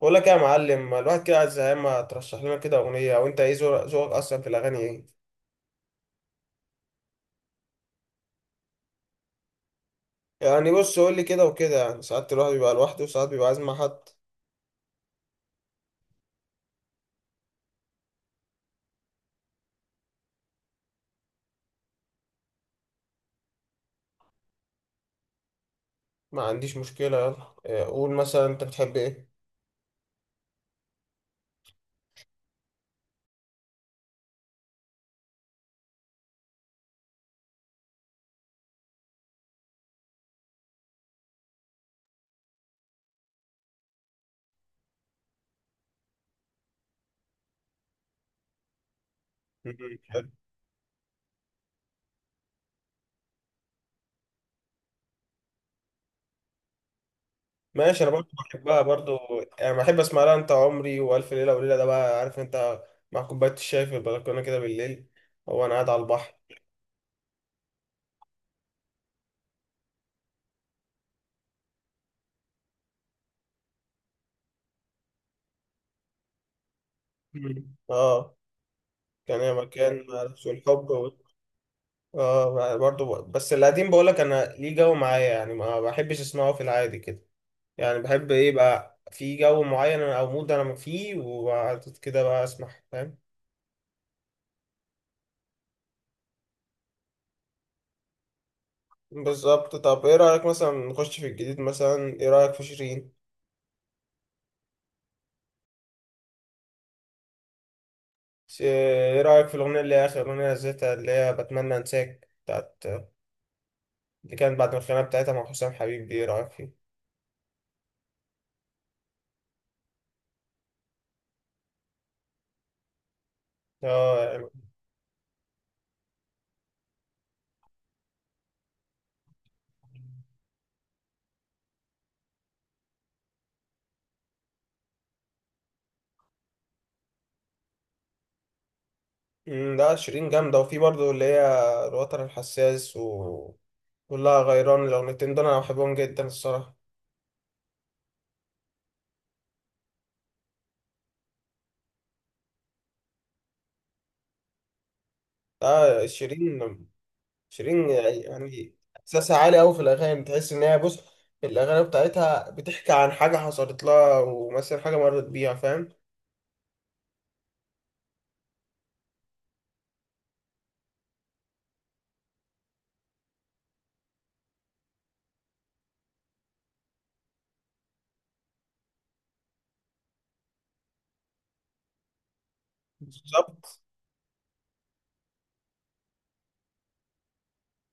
بقول لك إيه يا معلم؟ ما الواحد كده عايز زهقان، ما ترشح لنا كده اغنيه. او انت ايه ذوقك اصلا في الاغاني؟ ايه يعني بص، قول لي كده وكده، يعني ساعات الواحد بيبقى لوحده وساعات بيبقى عايز مع حد. ما عنديش مشكله، يلا إيه، قول مثلا انت بتحب ايه؟ مم، حلو. ماشي، انا برضه بحبها برضه. يعني بحب اسمع لها انت عمري والف ليله وليله، ده بقى عارف انت، مع كوبايه الشاي في البلكونه كده بالليل. هو انا قاعد على البحر؟ مم. اه. كان هي مكان مع نفسه الحب. اه، برضه بس القديم بقولك انا ليه جو معايا، يعني ما بحبش اسمعه في العادي كده. يعني بحب ايه بقى، في جو معين او مود انا فيه، وبعد كده بقى اسمع، فاهم. بالظبط. طب ايه رأيك مثلا نخش في الجديد؟ مثلا ايه رأيك في شيرين؟ ايه رأيك في الاغنية اللي هي اخر اغنية نزلتها، اللي هي بتمنى انساك بتاعت، اللي كانت بعد الخناقة بتاعتها مع حسام حبيب دي، ايه رأيك فيه؟ اه يعني. مم، لا شيرين جامدة، وفي برضه اللي هي الوتر الحساس و والله غيران، الأغنيتين دول أنا بحبهم جدا الصراحة. آه شيرين. شيرين يعني إحساسها عالي أوي في الأغاني، تحس إن هي بص، الأغاني بتاعتها بتحكي عن حاجة حصلت لها ومثلا حاجة مرت بيها، فاهم. بالظبط.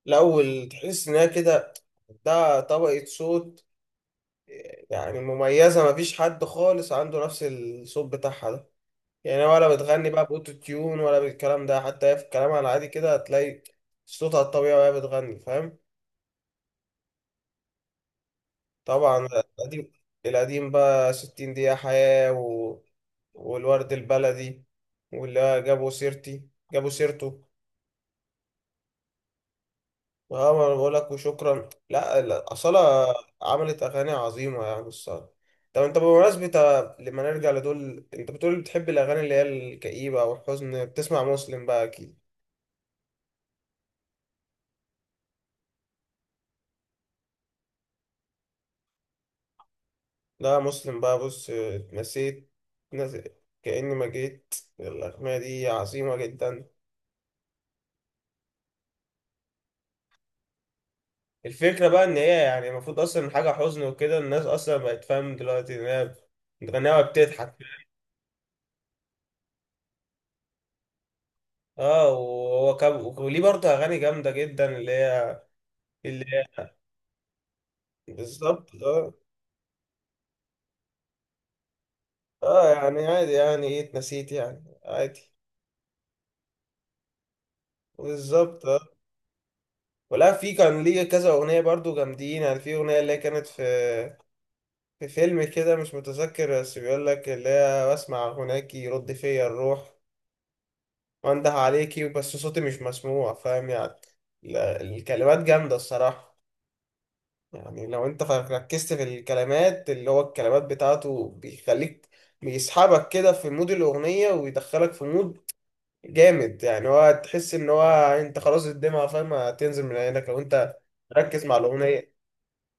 الأول تحس إن هي كده، ده طبقة صوت، يعني مميزة، مفيش حد خالص عنده نفس الصوت بتاعها ده. يعني، ولا بتغني بقى بأوتو تيون ولا بالكلام ده، حتى هي في كلامها العادي كده هتلاقي صوتها الطبيعي وهي بتغني، فاهم. طبعا. القديم. القديم بقى 60 دقيقة حياة والورد البلدي، واللي جابوا سيرتي جابوا سيرته. اه، ما انا بقول لك، وشكرا، لا لا، أصالة عملت أغاني عظيمة يعني الصراحة. طب انت بمناسبة لما نرجع لدول، انت بتقول بتحب الأغاني اللي هي الكئيبة أو الحزن، بتسمع مسلم بقى أكيد؟ لا، مسلم بقى بص اتنسيت. نز- كأني ما جيت، الأغنية دي عظيمة جدا. الفكرة بقى إن هي يعني المفروض أصلا حاجة حزن وكده، الناس أصلا بقت فاهم دلوقتي إن هي بتغنيها وبتضحك. اه، وهو كاب وليه برضه أغاني جامدة جدا اللي هي، اللي هي بالظبط اه. اه، يعني عادي، يعني ايه، اتنسيت، يعني عادي. بالظبط اه. ولا في كان ليه كذا أغنية برضه جامدين، يعني في أغنية اللي هي كانت في في فيلم كده مش متذكر، بس بيقول لك اللي هي بسمع هناك يرد فيا الروح، وانده عليكي بس صوتي مش مسموع، فاهم يعني. الكلمات جامدة الصراحة. يعني لو انت ركزت في الكلمات، اللي هو الكلمات بتاعته بيخليك، بيسحبك كده في مود الأغنية ويدخلك في مود جامد، يعني هو تحس ان هو، انت خلاص الدمعة، فاهم، هتنزل من عينك لو انت ركز مع الأغنية.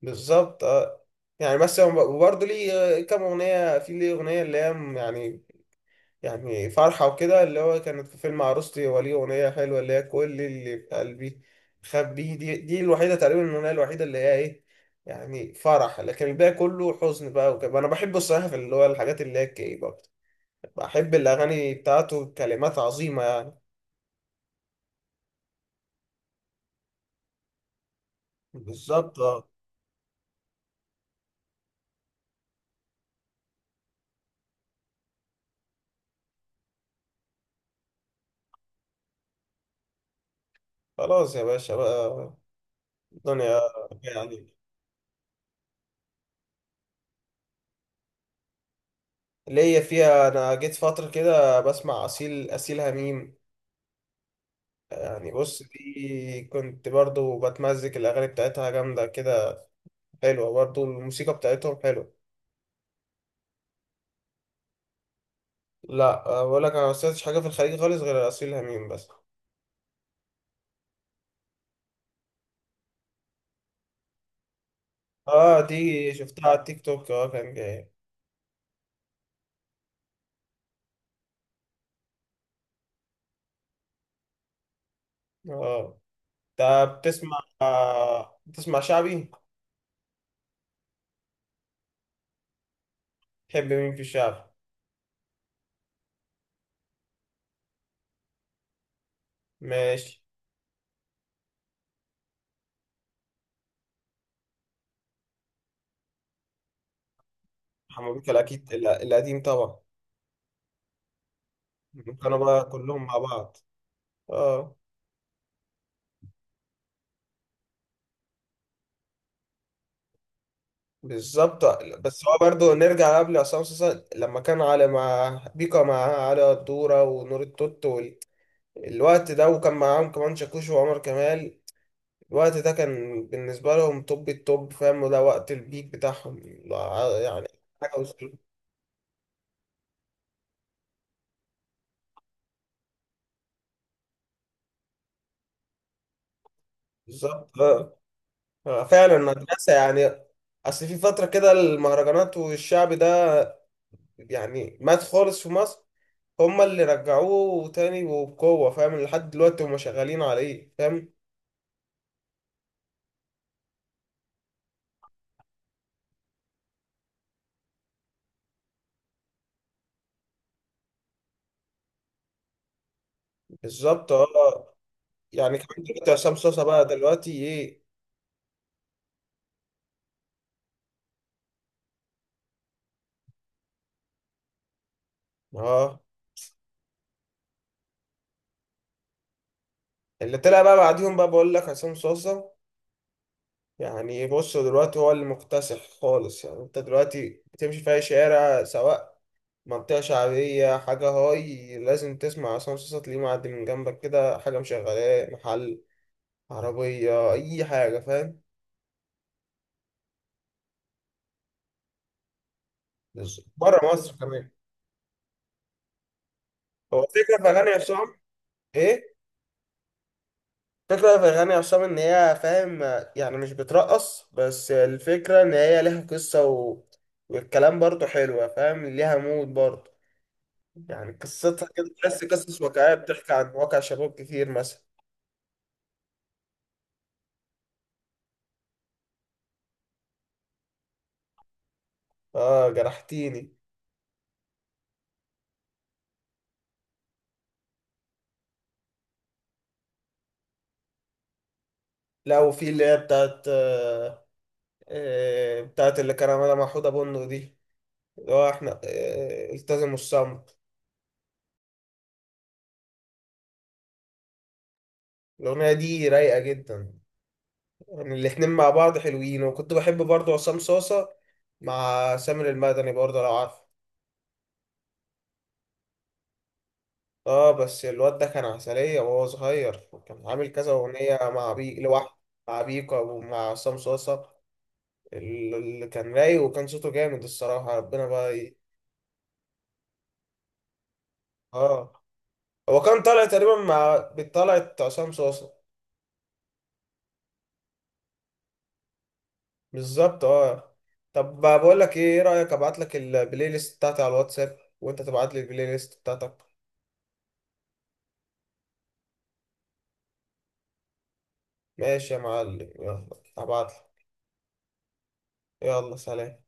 بالظبط اه. يعني بس هو برضه ليه كام أغنية، في ليه أغنية اللي هي يعني، يعني فرحة وكده اللي هو كانت في فيلم عروستي، وليه أغنية حلوة اللي هي كل اللي في قلبي خبيه، دي الوحيدة تقريبا، الأغنية الوحيدة اللي هي إيه، يعني فرح، لكن الباقي كله حزن بقى وكده، أنا بحب الصراحة في اللي هو الحاجات اللي هي الكئيبة أكتر. بحب الأغاني بتاعته، كلمات عظيمة يعني. بالظبط آه. خلاص يا باشا بقى. الدنيا، يعني، ليا فيها، أنا جيت فترة كده بسمع أصيل هميم. يعني بص دي كنت برضو بتمزج، الأغاني بتاعتها جامدة كده، حلوة برضه، الموسيقى بتاعتهم حلوة. لا، بقول لك انا ما سمعتش حاجة في الخليج خالص غير أصيل هميم بس. اه، دي شفتها على التيك توك، اه كان جاي. اه، انت بتسمع، بتسمع شعبي؟ تحب مين في الشعب؟ ماشي. حمو بيكا الأكيد، القديم طبعا. كانوا بقى كلهم مع بعض. اه. بالظبط. بس هو برضه، نرجع قبل عصام صاصا لما كان علي مع بيكا، مع علي الدورة ونور التوت الوقت ده، وكان معاهم كمان شاكوش وعمر كمال. الوقت ده كان بالنسبة لهم توب التوب، فاهم، وده وقت البيك بتاعهم. يعني حاجة وصلت- بالظبط آه. آه، فعلا المدرسة يعني. أصل في فترة كده المهرجانات والشعب ده يعني مات خالص في مصر، هما اللي رجعوه تاني وبقوة، فاهم، لحد دلوقتي هما شغالين عليه، فاهم. بالظبط اه. يعني كمان دلوقتي عصام صوصة بقى دلوقتي ايه. اه. اللي طلع بقى بعديهم بقى بقول لك عصام صوصة، يعني بص، دلوقتي هو اللي مكتسح خالص، يعني انت دلوقتي بتمشي في اي شارع، سواء منطقة شعبية، حاجة هاي، لازم تسمع عصام صاصا، تلاقيه معدي من جنبك كده، حاجة مشغلاه، محل، عربية، أي حاجة، فاهم. بالظبط، بره مصر كمان. هو الفكرة في أغاني عصام إيه؟ الفكرة في أغاني عصام إن هي، فاهم، يعني مش بترقص بس، الفكرة إن هي ليها قصة والكلام برضه حلوة، فاهم، ليها مود برضه، يعني قصتها كده تحس قصص واقعية بتحكي عن واقع شباب كتير مثلا. اه، جرحتيني. لا وفي اللي هي بتاعت بتاعت اللي كان عملها مع حوده بندق دي، اللي هو احنا التزموا الصمت. الأغنية دي رايقة جدا، يعني الاتنين مع بعض حلوين. وكنت بحب برضه عصام صاصة مع سامر المدني برضه، لو عارفه. اه، بس الواد ده كان عسلية وهو صغير، كان عامل كذا أغنية مع بي لوحده، مع بيكا ومع عصام صاصة، اللي كان رايق وكان صوته جامد الصراحة، ربنا بقى اه، هو كان طالع تقريبا مع، طلعت عصام صوصة. بالظبط اه. طب بقول لك ايه، إيه رأيك ابعت لك البلاي ليست بتاعتي على الواتساب وانت تبعت لي البلاي ليست بتاعتك؟ ماشي يا معلم، يلا هبعت لك. يلا سلام.